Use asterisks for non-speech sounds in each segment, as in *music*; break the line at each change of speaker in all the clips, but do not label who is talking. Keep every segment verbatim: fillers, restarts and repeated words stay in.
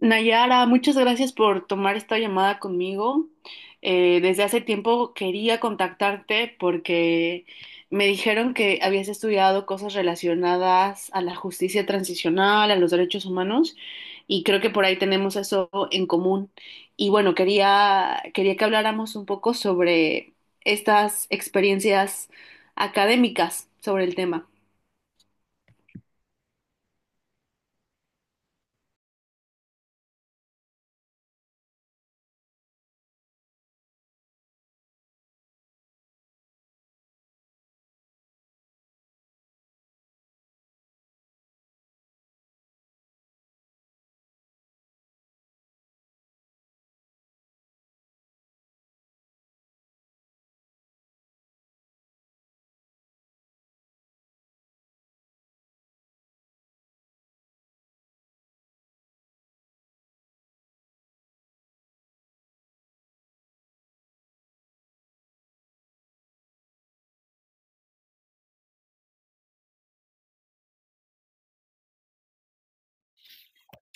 Nayara, muchas gracias por tomar esta llamada conmigo. Eh, desde hace tiempo quería contactarte porque me dijeron que habías estudiado cosas relacionadas a la justicia transicional, a los derechos humanos, y creo que por ahí tenemos eso en común. Y bueno, quería, quería que habláramos un poco sobre estas experiencias académicas sobre el tema.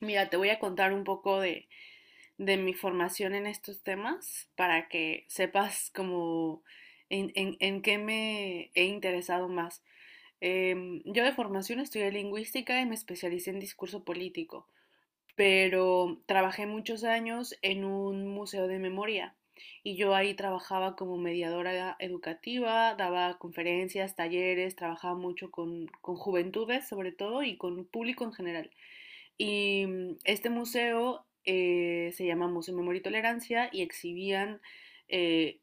Mira, te voy a contar un poco de de mi formación en estos temas para que sepas como en, en, en qué me he interesado más. Eh, yo de formación estudié lingüística y me especialicé en discurso político, pero trabajé muchos años en un museo de memoria y yo ahí trabajaba como mediadora educativa, daba conferencias, talleres, trabajaba mucho con, con juventudes sobre todo y con público en general. Y mm, este museo eh, se llama Museo Memoria y Tolerancia y exhibían eh,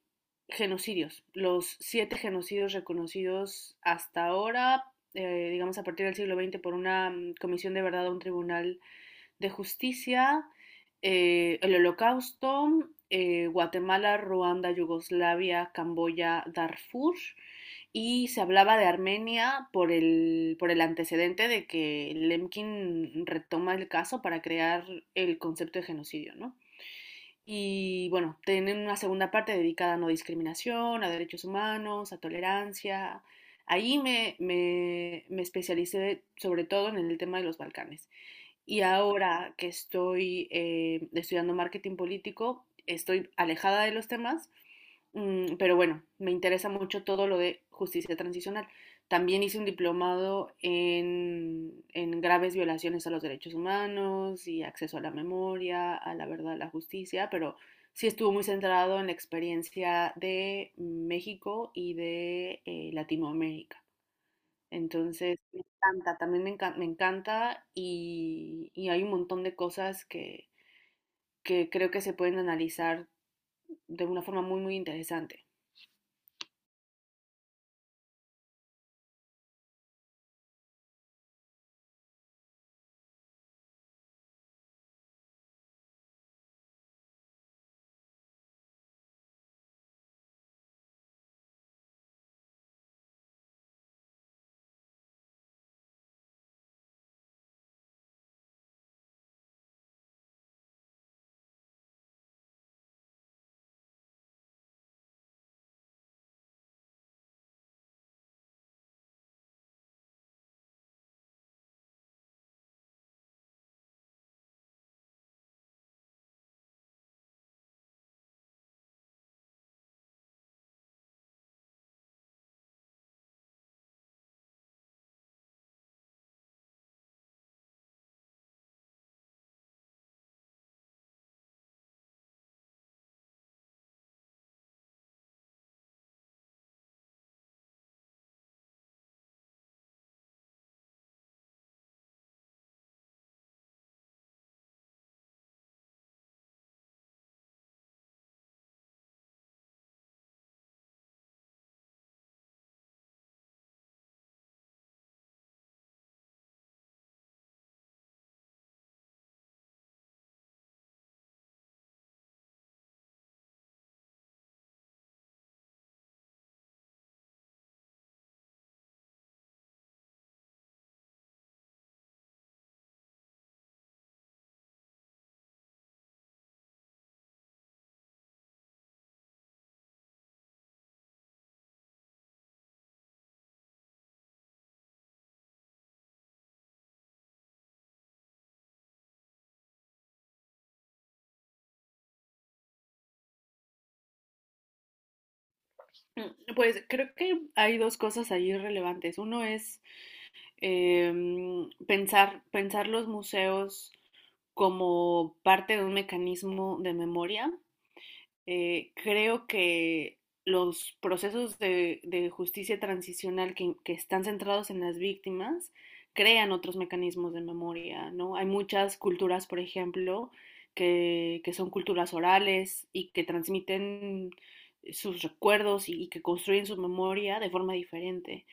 genocidios, los siete genocidios reconocidos hasta ahora, eh, digamos a partir del siglo veinte, por una mm, comisión de verdad a un tribunal de Justicia, eh, el Holocausto, eh, Guatemala, Ruanda, Yugoslavia, Camboya, Darfur, y se hablaba de Armenia por el, por el antecedente de que Lemkin retoma el caso para crear el concepto de genocidio, ¿no? Y bueno, tienen una segunda parte dedicada a no discriminación, a derechos humanos, a tolerancia. Ahí me, me, me especialicé sobre todo en el tema de los Balcanes. Y ahora que estoy eh, estudiando marketing político, estoy alejada de los temas, mm, pero bueno, me interesa mucho todo lo de justicia transicional. También hice un diplomado en, en graves violaciones a los derechos humanos y acceso a la memoria, a la verdad, a la justicia, pero sí estuvo muy centrado en la experiencia de México y de eh, Latinoamérica. Entonces, me encanta, también me encanta, me encanta y, y hay un montón de cosas que, que creo que se pueden analizar de una forma muy, muy interesante. *clears throat* Mm, pues creo que hay dos cosas ahí relevantes. Uno es em, pensar, pensar los museos como parte de un mecanismo de memoria. Eh, creo que los procesos de, de justicia transicional que, que están centrados en las víctimas crean otros mecanismos de memoria, ¿no? Hay muchas culturas, por ejemplo, que, que son culturas orales y que transmiten sus recuerdos y, y que construyen su memoria de forma diferente.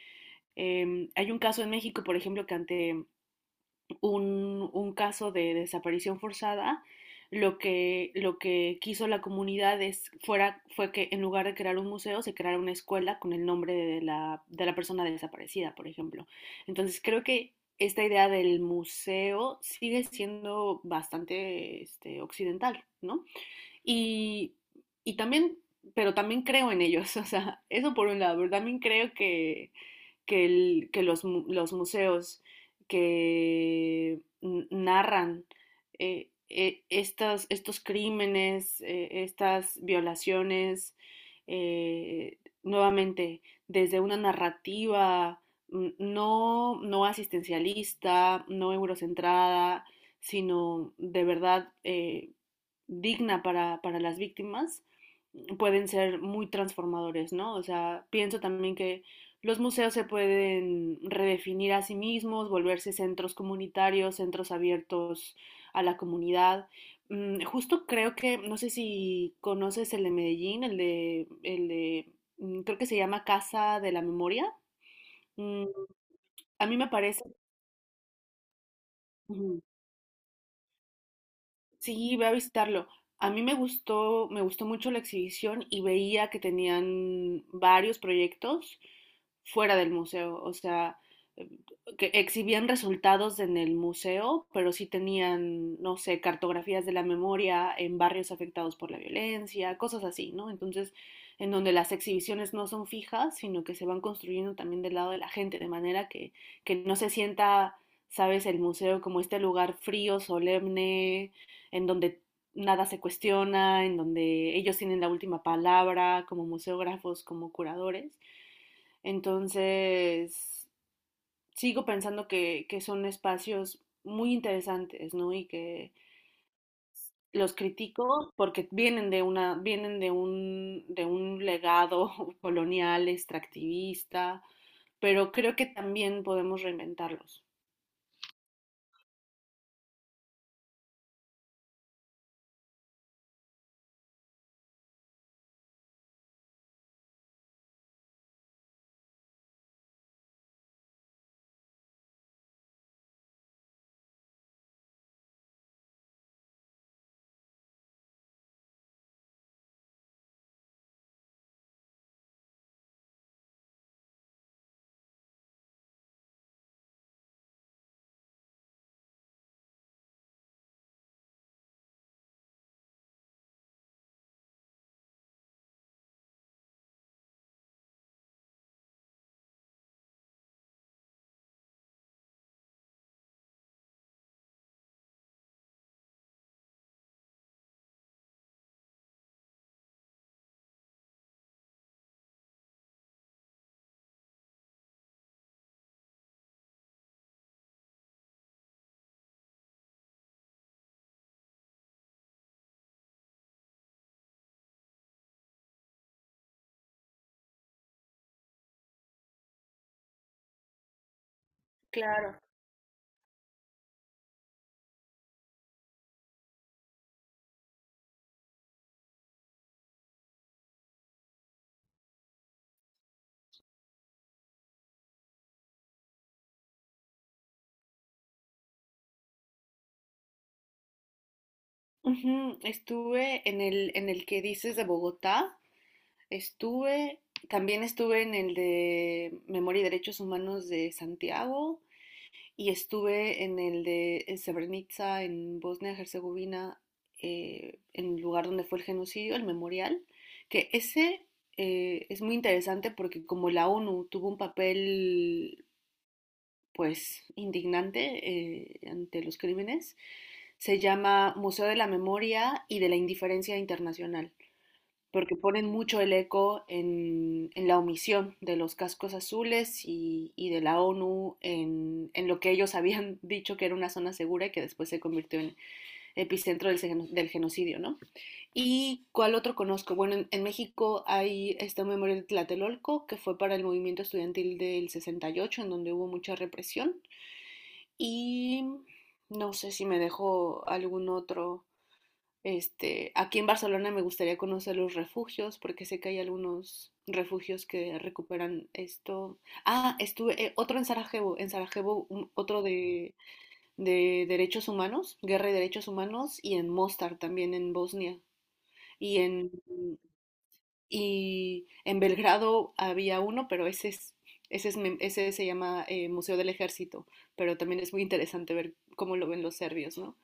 Em, hay un caso en México, por ejemplo, que ante un, un caso de desaparición forzada, lo que, lo que quiso la comunidad es, fuera, fue que en lugar de crear un museo, se creara una escuela con el nombre de la, de la persona desaparecida, por ejemplo. Entonces creo que esta idea del museo sigue siendo bastante este, occidental, ¿no? Y, y también, pero también creo en ellos, *laughs* o sea, eso por un lado, pero también creo que, que, el, que los, los, museos que narran eh, eh, estos, estos, crímenes, eh, estas violaciones, eh, nuevamente desde una narrativa no, no asistencialista, no eurocentrada, sino de verdad eh, digna para, para las víctimas, pueden ser muy transformadores, ¿no? O sea, pienso también que los museos se pueden redefinir a sí mismos, volverse centros comunitarios, centros abiertos a la comunidad. Mm, justo creo que, no sé si conoces el de Medellín, el de, el de mm, creo que se llama Casa de la Memoria. Mm, a mí me parece, sí, voy a visitarlo. A mí me gustó, me gustó mucho la exhibición y veía que tenían varios proyectos fuera del museo, o sea, eh, que exhibían resultados en el museo, pero sí tenían, no sé, cartografías de la memoria en barrios afectados por la violencia, cosas así, ¿no? Entonces, en donde las exhibiciones no son fijas, sino que se van construyendo también del lado de la gente, de manera que, que no se sienta, sabes, el museo como este lugar frío, solemne en donde nada se cuestiona, en donde ellos tienen la última palabra como museógrafos, como curadores. Entonces, sigo pensando que, que son espacios muy interesantes, ¿no? Y que los critico porque vienen de una, vienen de un, de un legado *laughs* colonial, extractivista, pero creo que también podemos reinventarlos. Claro. Ujú, estuve en el, en el que dices de Bogotá, estuve, también estuve en el de Memoria y Derechos Humanos de Santiago y estuve en el de en Srebrenica, en Bosnia y Herzegovina, eh, en el lugar donde fue el genocidio, el memorial, que ese eh, es muy interesante porque como la O N U tuvo un papel pues indignante eh, ante los crímenes, se llama Museo de la Memoria y de la Indiferencia Internacional, porque ponen mucho el eco en, en la omisión de los cascos azules y, y de la O N U en, en lo que ellos habían *laughs* dicho que era una zona segura y que después se convirtió en epicentro del, del genocidio, ¿no? ¿Y cuál otro conozco? Bueno, en, en México hay este memorial de Tlatelolco, que fue para el movimiento estudiantil del sesenta y ocho, en donde hubo mucha represión, y no sé si me dejo algún otro, este, aquí en Barcelona me gustaría conocer los refugios, porque sé que hay algunos refugios que recuperan esto. Ah, estuve eh, otro en Sarajevo, en Sarajevo un- otro de, de derechos humanos, guerra y derechos humanos, y en Mostar también en Bosnia. Y en, y en Belgrado había uno, pero ese es, ese es mem- ese se llama eh, Museo del Ejército, pero también es muy interesante ver cómo lo ven los serbios, ¿no?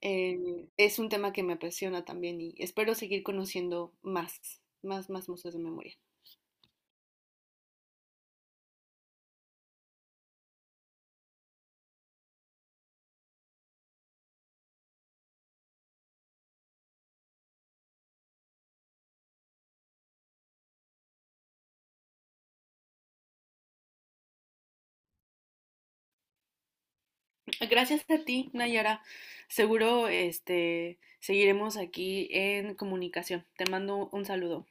Eh, es un tema que me apasiona también y espero seguir conociendo más, más, más museos de memoria. Gracias a ti, Nayara. Seguro, este, seguiremos aquí en comunicación. Te mando un saludo.